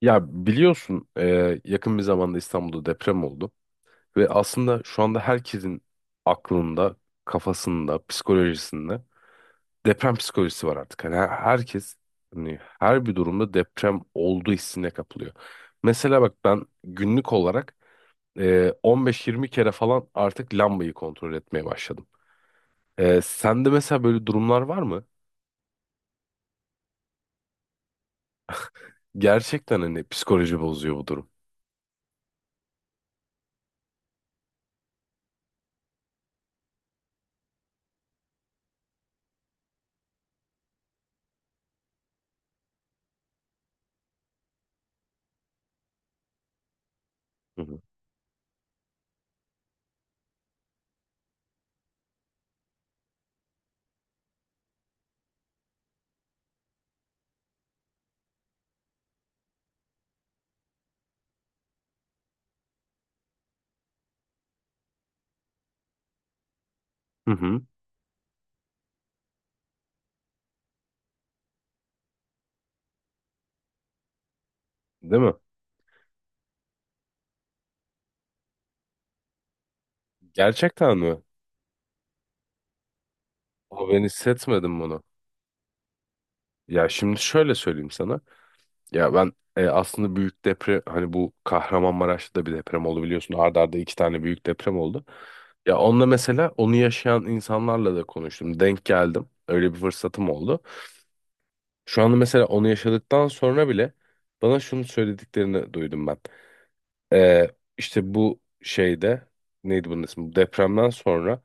Ya biliyorsun yakın bir zamanda İstanbul'da deprem oldu ve aslında şu anda herkesin aklında, kafasında, psikolojisinde deprem psikolojisi var artık. Hani herkes hani her bir durumda deprem olduğu hissine kapılıyor. Mesela bak ben günlük olarak 15-20 kere falan artık lambayı kontrol etmeye başladım. Sende mesela böyle durumlar var mı? Gerçekten hani psikoloji bozuyor bu durum. Hı hı. Hı hı. Değil mi? Gerçekten mi? Ama ben hissetmedim bunu. Ya şimdi şöyle söyleyeyim sana. Ya ben aslında büyük deprem, hani bu Kahramanmaraş'ta da bir deprem oldu biliyorsun. Arda arda iki tane büyük deprem oldu. Ya onunla mesela, onu yaşayan insanlarla da konuştum. Denk geldim. Öyle bir fırsatım oldu. Şu anda mesela onu yaşadıktan sonra bile bana şunu söylediklerini duydum ben. E, işte bu şeyde, neydi bunun ismi? Bu depremden sonra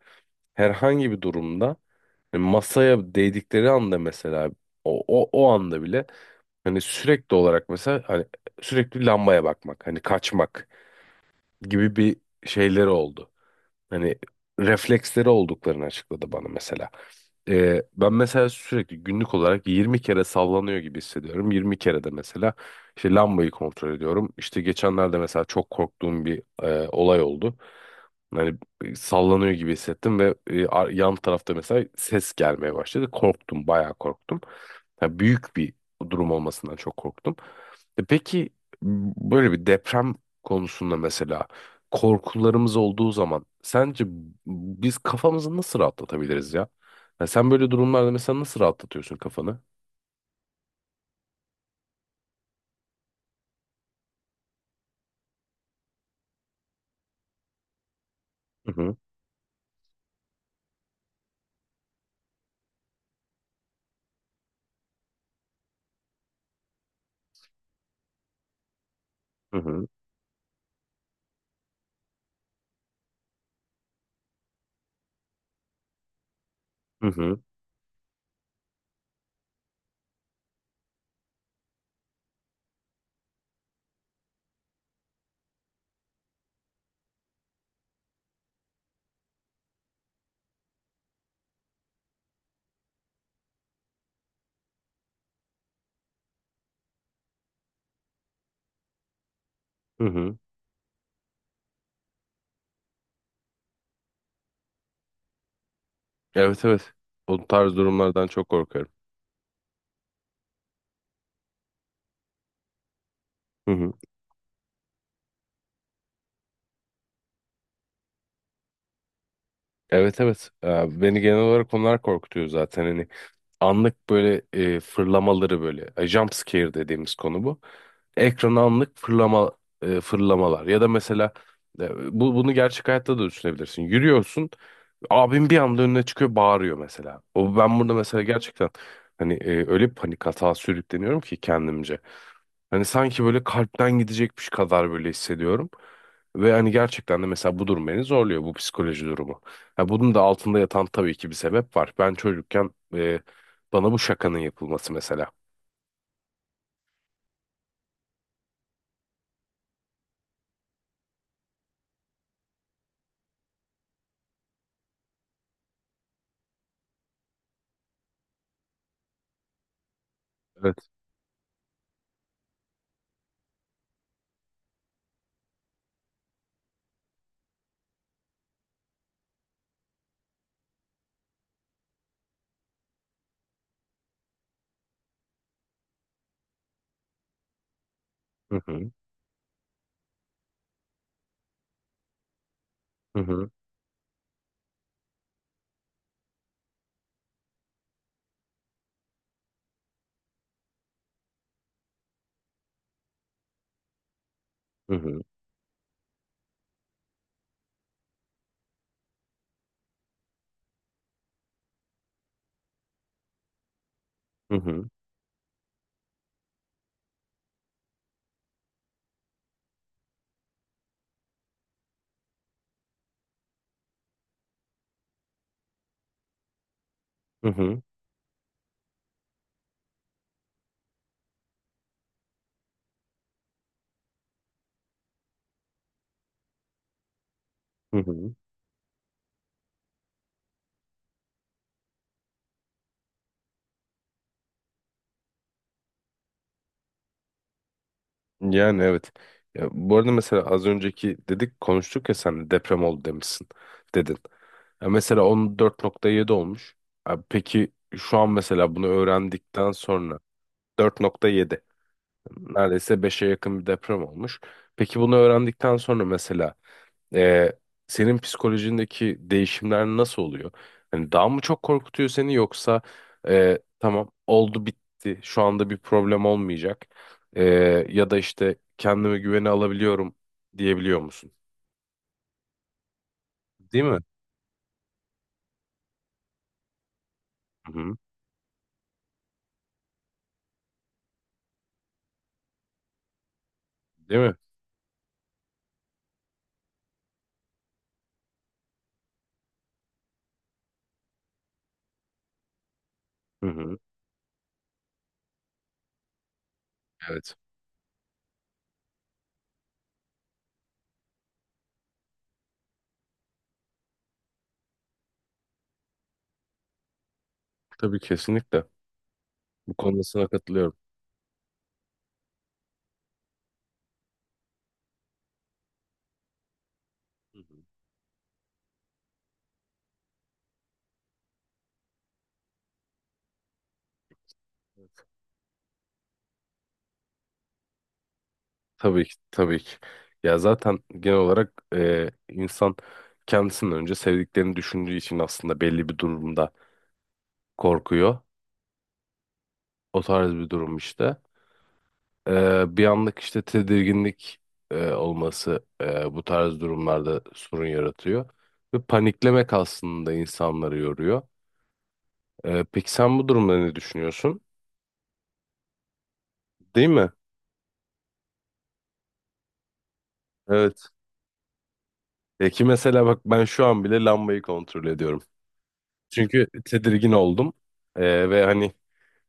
herhangi bir durumda masaya değdikleri anda mesela o anda bile hani sürekli olarak, mesela hani sürekli lambaya bakmak, hani kaçmak gibi bir şeyleri oldu. Hani refleksleri olduklarını açıkladı bana mesela. Ben mesela sürekli günlük olarak 20 kere sallanıyor gibi hissediyorum. 20 kere de mesela işte lambayı kontrol ediyorum. İşte geçenlerde mesela çok korktuğum bir olay oldu. Hani sallanıyor gibi hissettim ve yan tarafta mesela ses gelmeye başladı. Korktum, bayağı korktum. Yani büyük bir durum olmasından çok korktum. E peki böyle bir deprem konusunda mesela korkularımız olduğu zaman sence biz kafamızı nasıl rahatlatabiliriz ya? Ya sen böyle durumlarda mesela nasıl rahatlatıyorsun kafanı? Hı hı, hı hı, hı hı, hı hı. Evet, evet. O tarz durumlardan çok korkarım. Hı hı. Evet, evet. Beni genel olarak onlar korkutuyor zaten. Hani anlık böyle fırlamaları, böyle jump scare dediğimiz konu bu. Ekrana anlık fırlamalar, ya da mesela bunu gerçek hayatta da düşünebilirsin. Yürüyorsun, abim bir anda önüne çıkıyor, bağırıyor mesela. O ben burada mesela gerçekten hani öyle bir panik atağa sürükleniyorum ki kendimce. Hani sanki böyle kalpten gidecekmiş kadar böyle hissediyorum. Ve hani gerçekten de mesela bu durum beni zorluyor, bu psikoloji durumu. Ha, bunun da altında yatan tabii ki bir sebep var. Ben çocukken bana bu şakanın yapılması mesela. Evet. Hı hı. Hı hı. Hı hı. Hı hı. Hı hı. Hı hı. Yani evet. Ya, bu arada mesela az önceki dedik, konuştuk ya, sen deprem oldu demişsin, dedin. Ya mesela 14,7 olmuş. Abi peki şu an mesela bunu öğrendikten sonra 4,7, neredeyse beşe yakın bir deprem olmuş. Peki bunu öğrendikten sonra mesela ee, senin psikolojindeki değişimler nasıl oluyor? Hani daha mı çok korkutuyor seni, yoksa tamam, oldu bitti, şu anda bir problem olmayacak? Ee, Ya da işte kendime güveni alabiliyorum diyebiliyor musun? Değil mi? Hı hı. Değil mi? Hı hı. Evet. Tabii, kesinlikle. Bu konuda sana katılıyorum. Hı hı. Evet. Tabii ki, tabii ki. Ya zaten genel olarak insan kendisinden önce sevdiklerini düşündüğü için aslında belli bir durumda korkuyor. O tarz bir durum işte. Bir anlık işte tedirginlik olması bu tarz durumlarda sorun yaratıyor. Ve paniklemek aslında insanları yoruyor. Peki sen bu durumda ne düşünüyorsun? Değil mi? Evet. E ki mesela bak, ben şu an bile lambayı kontrol ediyorum. Çünkü tedirgin oldum. Ve hani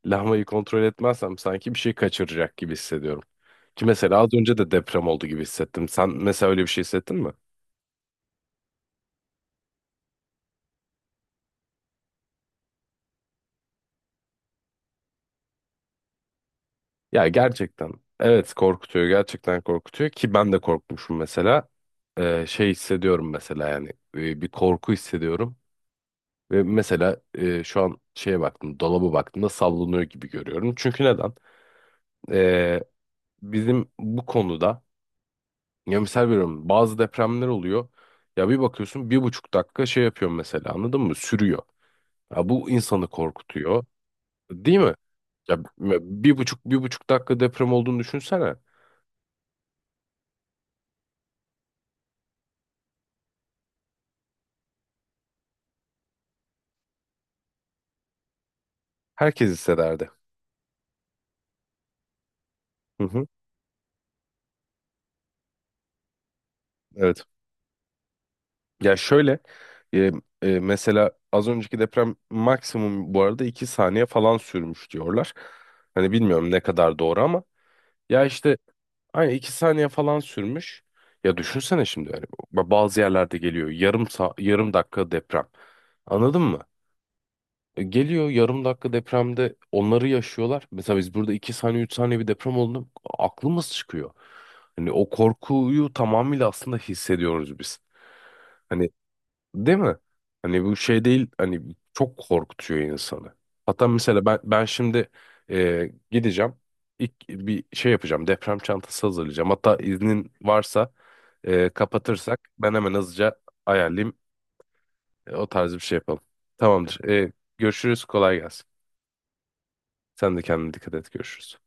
lambayı kontrol etmezsem sanki bir şey kaçıracak gibi hissediyorum. Ki mesela az önce de deprem oldu gibi hissettim. Sen mesela öyle bir şey hissettin mi? Ya, gerçekten evet, korkutuyor, gerçekten korkutuyor, ki ben de korkmuşum mesela. Şey hissediyorum mesela, yani bir korku hissediyorum ve mesela şu an şeye baktım, dolaba baktığımda sallanıyor gibi görüyorum. Çünkü neden? Ee, Bizim bu konuda, ya misal veriyorum, bazı depremler oluyor, ya bir bakıyorsun 1,5 dakika şey yapıyor mesela, anladın mı, sürüyor. Ya bu insanı korkutuyor, değil mi? Ya bir buçuk bir buçuk dakika deprem olduğunu düşünsene, herkes hissederdi. Hı hı, evet. Ya şöyle e, mesela az önceki deprem maksimum bu arada 2 saniye falan sürmüş diyorlar. Hani bilmiyorum ne kadar doğru, ama ya işte aynı, 2 saniye falan sürmüş. Ya düşünsene şimdi yani, bazı yerlerde geliyor yarım yarım dakika deprem. Anladın mı? Geliyor yarım dakika depremde, onları yaşıyorlar. Mesela biz burada 2 saniye 3 saniye bir deprem olduğunda aklımız çıkıyor. Hani o korkuyu tamamıyla aslında hissediyoruz biz. Hani, değil mi? Hani bu şey değil, hani çok korkutuyor insanı. Hatta mesela ben şimdi gideceğim, ilk bir şey yapacağım, deprem çantası hazırlayacağım. Hatta iznin varsa kapatırsak, ben hemen hızlıca ayarlayayım. O tarz bir şey yapalım. Tamamdır. Görüşürüz, kolay gelsin. Sen de kendine dikkat et, görüşürüz.